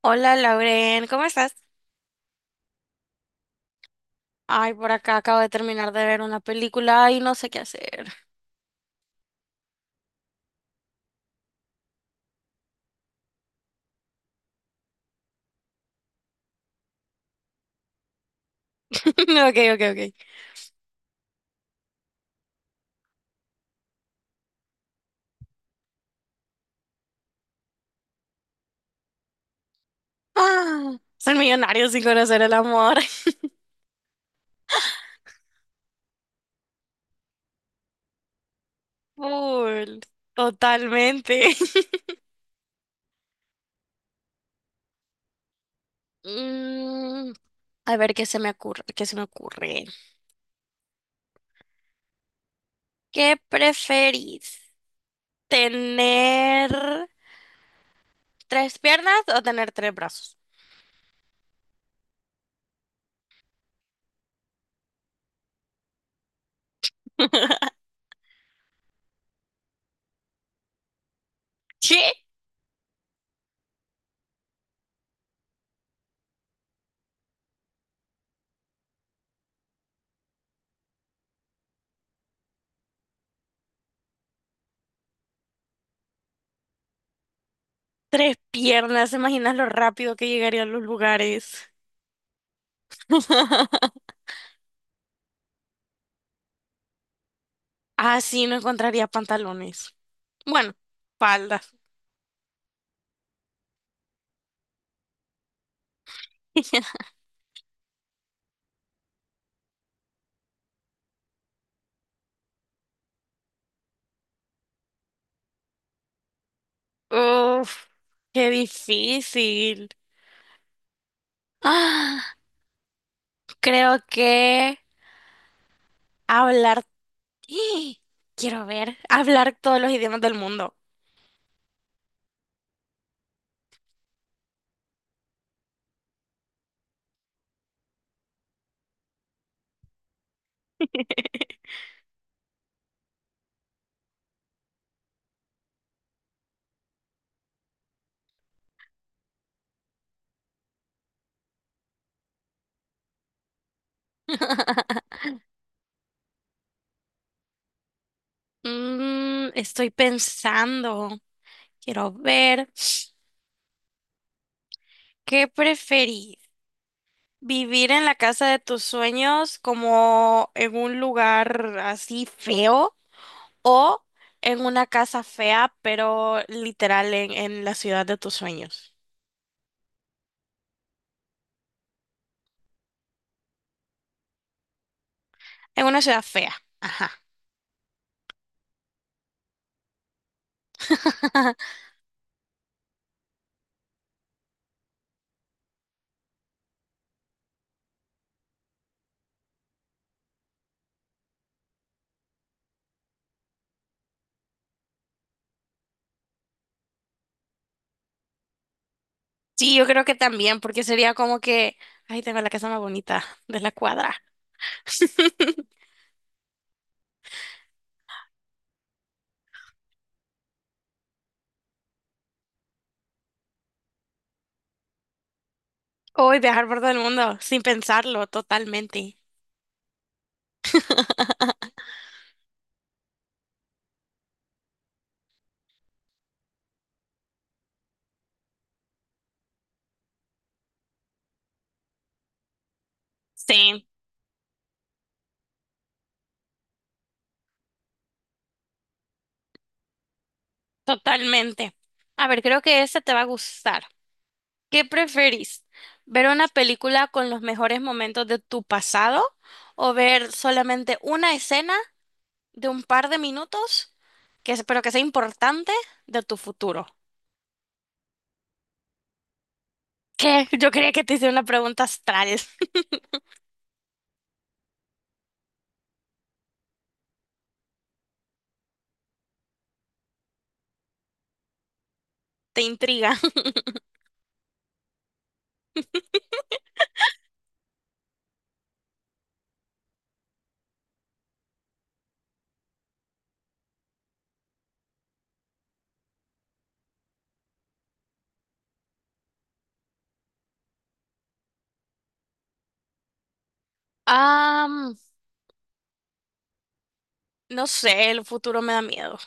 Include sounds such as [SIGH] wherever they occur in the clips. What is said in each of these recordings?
Hola Lauren, ¿cómo estás? Ay, por acá acabo de terminar de ver una película y no sé qué hacer. [LAUGHS] Ok, ok, ok. Ah, ser millonario sin conocer el amor. [LAUGHS] Full, totalmente. [LAUGHS] Mm, a ver qué se me ocurre, qué se me ocurre. ¿Qué preferís? ¿Tener tres piernas o tener tres brazos? [LAUGHS] ¿Qué? Tres piernas, ¿te imaginas lo rápido que llegaría a los lugares? [LAUGHS] Ah, sí, no encontraría pantalones. Bueno, falda. [LAUGHS] Uf, qué difícil. Ah, creo que hablar. [GASPS] ¡Ih! Quiero ver, hablar todos los idiomas del mundo. [LAUGHS] Estoy pensando, quiero ver, [GASPS] ¿qué preferís? ¿Vivir en la casa de tus sueños como en un lugar así feo o en una casa fea, pero literal en la ciudad de tus sueños? En una ciudad fea. Ajá. [LAUGHS] Sí, yo creo que también, porque sería como que, ay, tengo la casa más bonita de la cuadra. [LAUGHS] Hoy viajar por todo el mundo sin pensarlo totalmente. [LAUGHS] Sí, totalmente. A ver, creo que esta te va a gustar. ¿Qué preferís? ¿Ver una película con los mejores momentos de tu pasado o ver solamente una escena de un par de minutos, pero que sea importante, de tu futuro? ¿Qué? Yo quería que te hiciera una pregunta astral. [LAUGHS] Te intriga. [LAUGHS] Ah, no sé, el futuro me da miedo.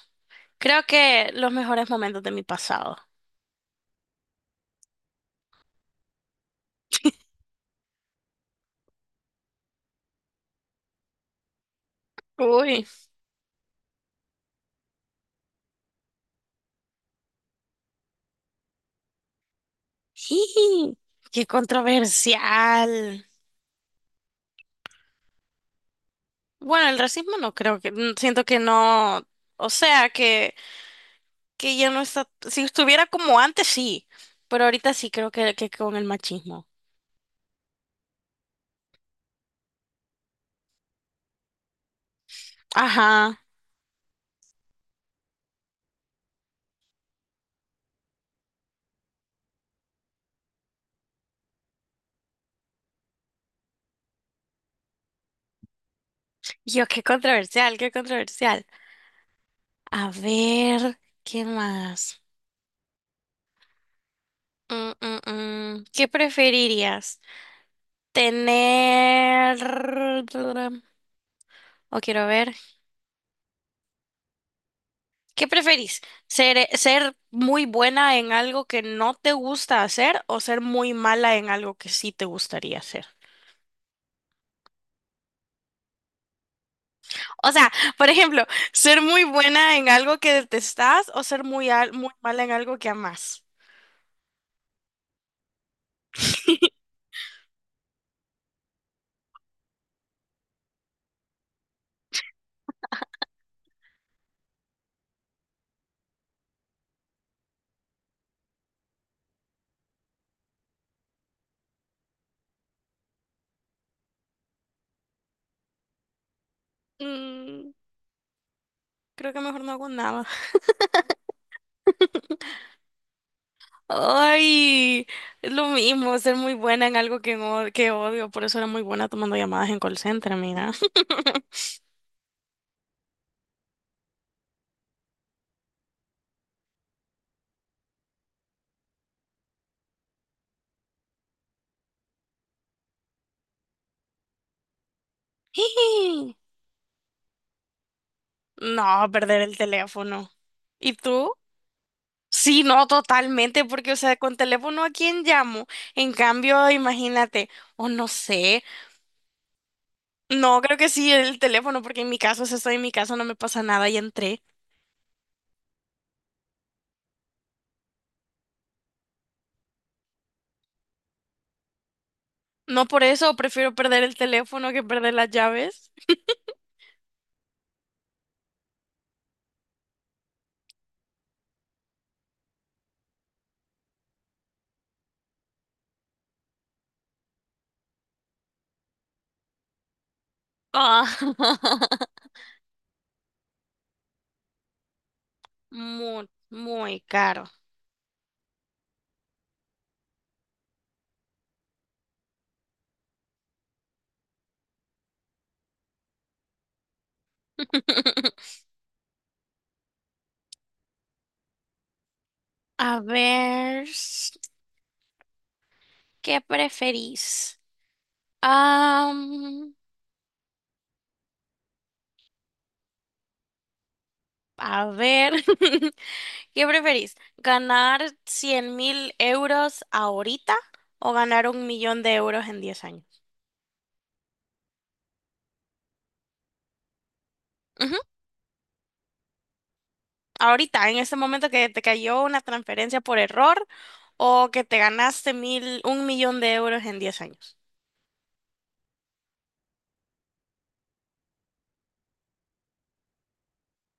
Creo que los mejores momentos de mi pasado. Uy, jiji, qué controversial. Bueno, el racismo no creo que, siento que no, o sea, que ya no está, si estuviera como antes, sí, pero ahorita sí creo que con el machismo. Ajá. Yo, qué controversial, qué controversial. A ver, ¿qué más? Mm. ¿Qué preferirías? ¿Tener... O quiero ver. ¿Qué preferís? ¿Ser muy buena en algo que no te gusta hacer o ser muy mala en algo que sí te gustaría hacer? O sea, por ejemplo, ser muy buena en algo que detestás o ser muy mala en algo que amás. [LAUGHS] Mm, Creo que mejor no hago nada. Ay, es lo mismo, ser muy buena en algo que, no- que odio, por eso era muy buena tomando llamadas en call center, mira. [LAUGHS] No, perder el teléfono. ¿Y tú? Sí, no, totalmente, porque, o sea, con teléfono a quién llamo. En cambio, imagínate, o no sé. No, creo que sí, el teléfono, porque en mi caso, si estoy en mi casa, no me pasa nada y entré. No por eso, prefiero perder el teléfono que perder las llaves. [LAUGHS] Ah, [LAUGHS] muy, muy caro. [LAUGHS] A ver, ¿qué preferís? Am, a ver, [LAUGHS] ¿qué preferís? ¿Ganar 100.000 € ahorita o ganar un millón de euros en 10 años? Ujú, ahorita, en este momento que te cayó una transferencia por error o que te ganaste un millón de euros en 10 años.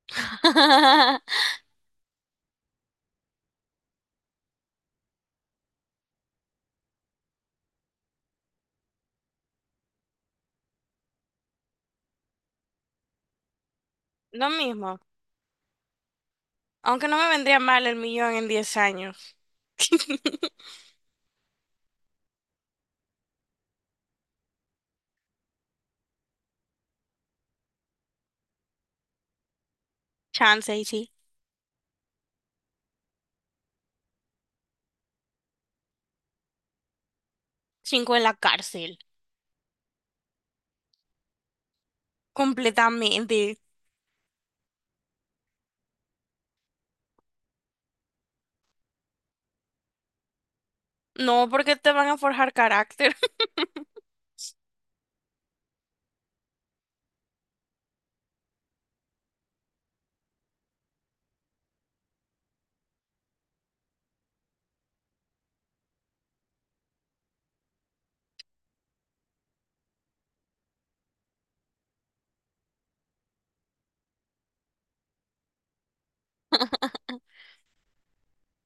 [LAUGHS] Lo mismo, aunque no me vendría mal el millón en 10 años. Chance y sí. Cinco en la cárcel. Completamente. No, porque te van a forjar carácter. [LAUGHS]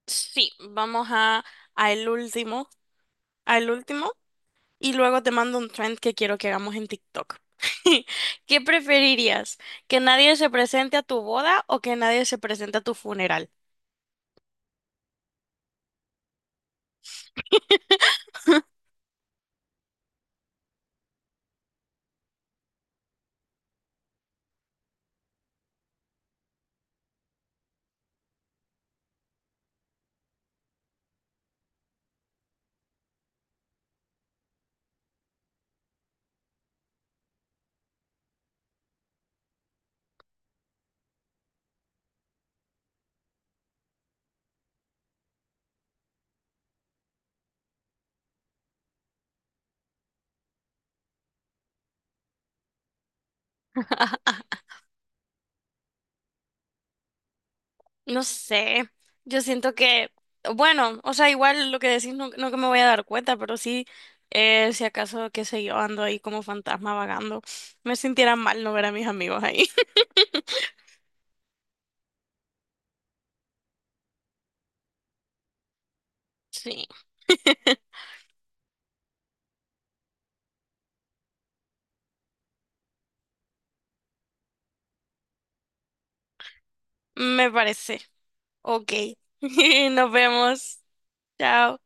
Sí, vamos a el último, al último, y luego te mando un trend que quiero que hagamos en TikTok. [LAUGHS] ¿Qué preferirías? ¿Que nadie se presente a tu boda o que nadie se presente a tu funeral? [LAUGHS] No sé, yo siento que, bueno, o sea, igual lo que decís no, no que me voy a dar cuenta, pero sí, si acaso, qué sé yo, ando ahí como fantasma vagando, me sintiera mal no ver a mis amigos ahí. [LAUGHS] Sí. Me parece. Ok. [LAUGHS] Nos vemos. Chao.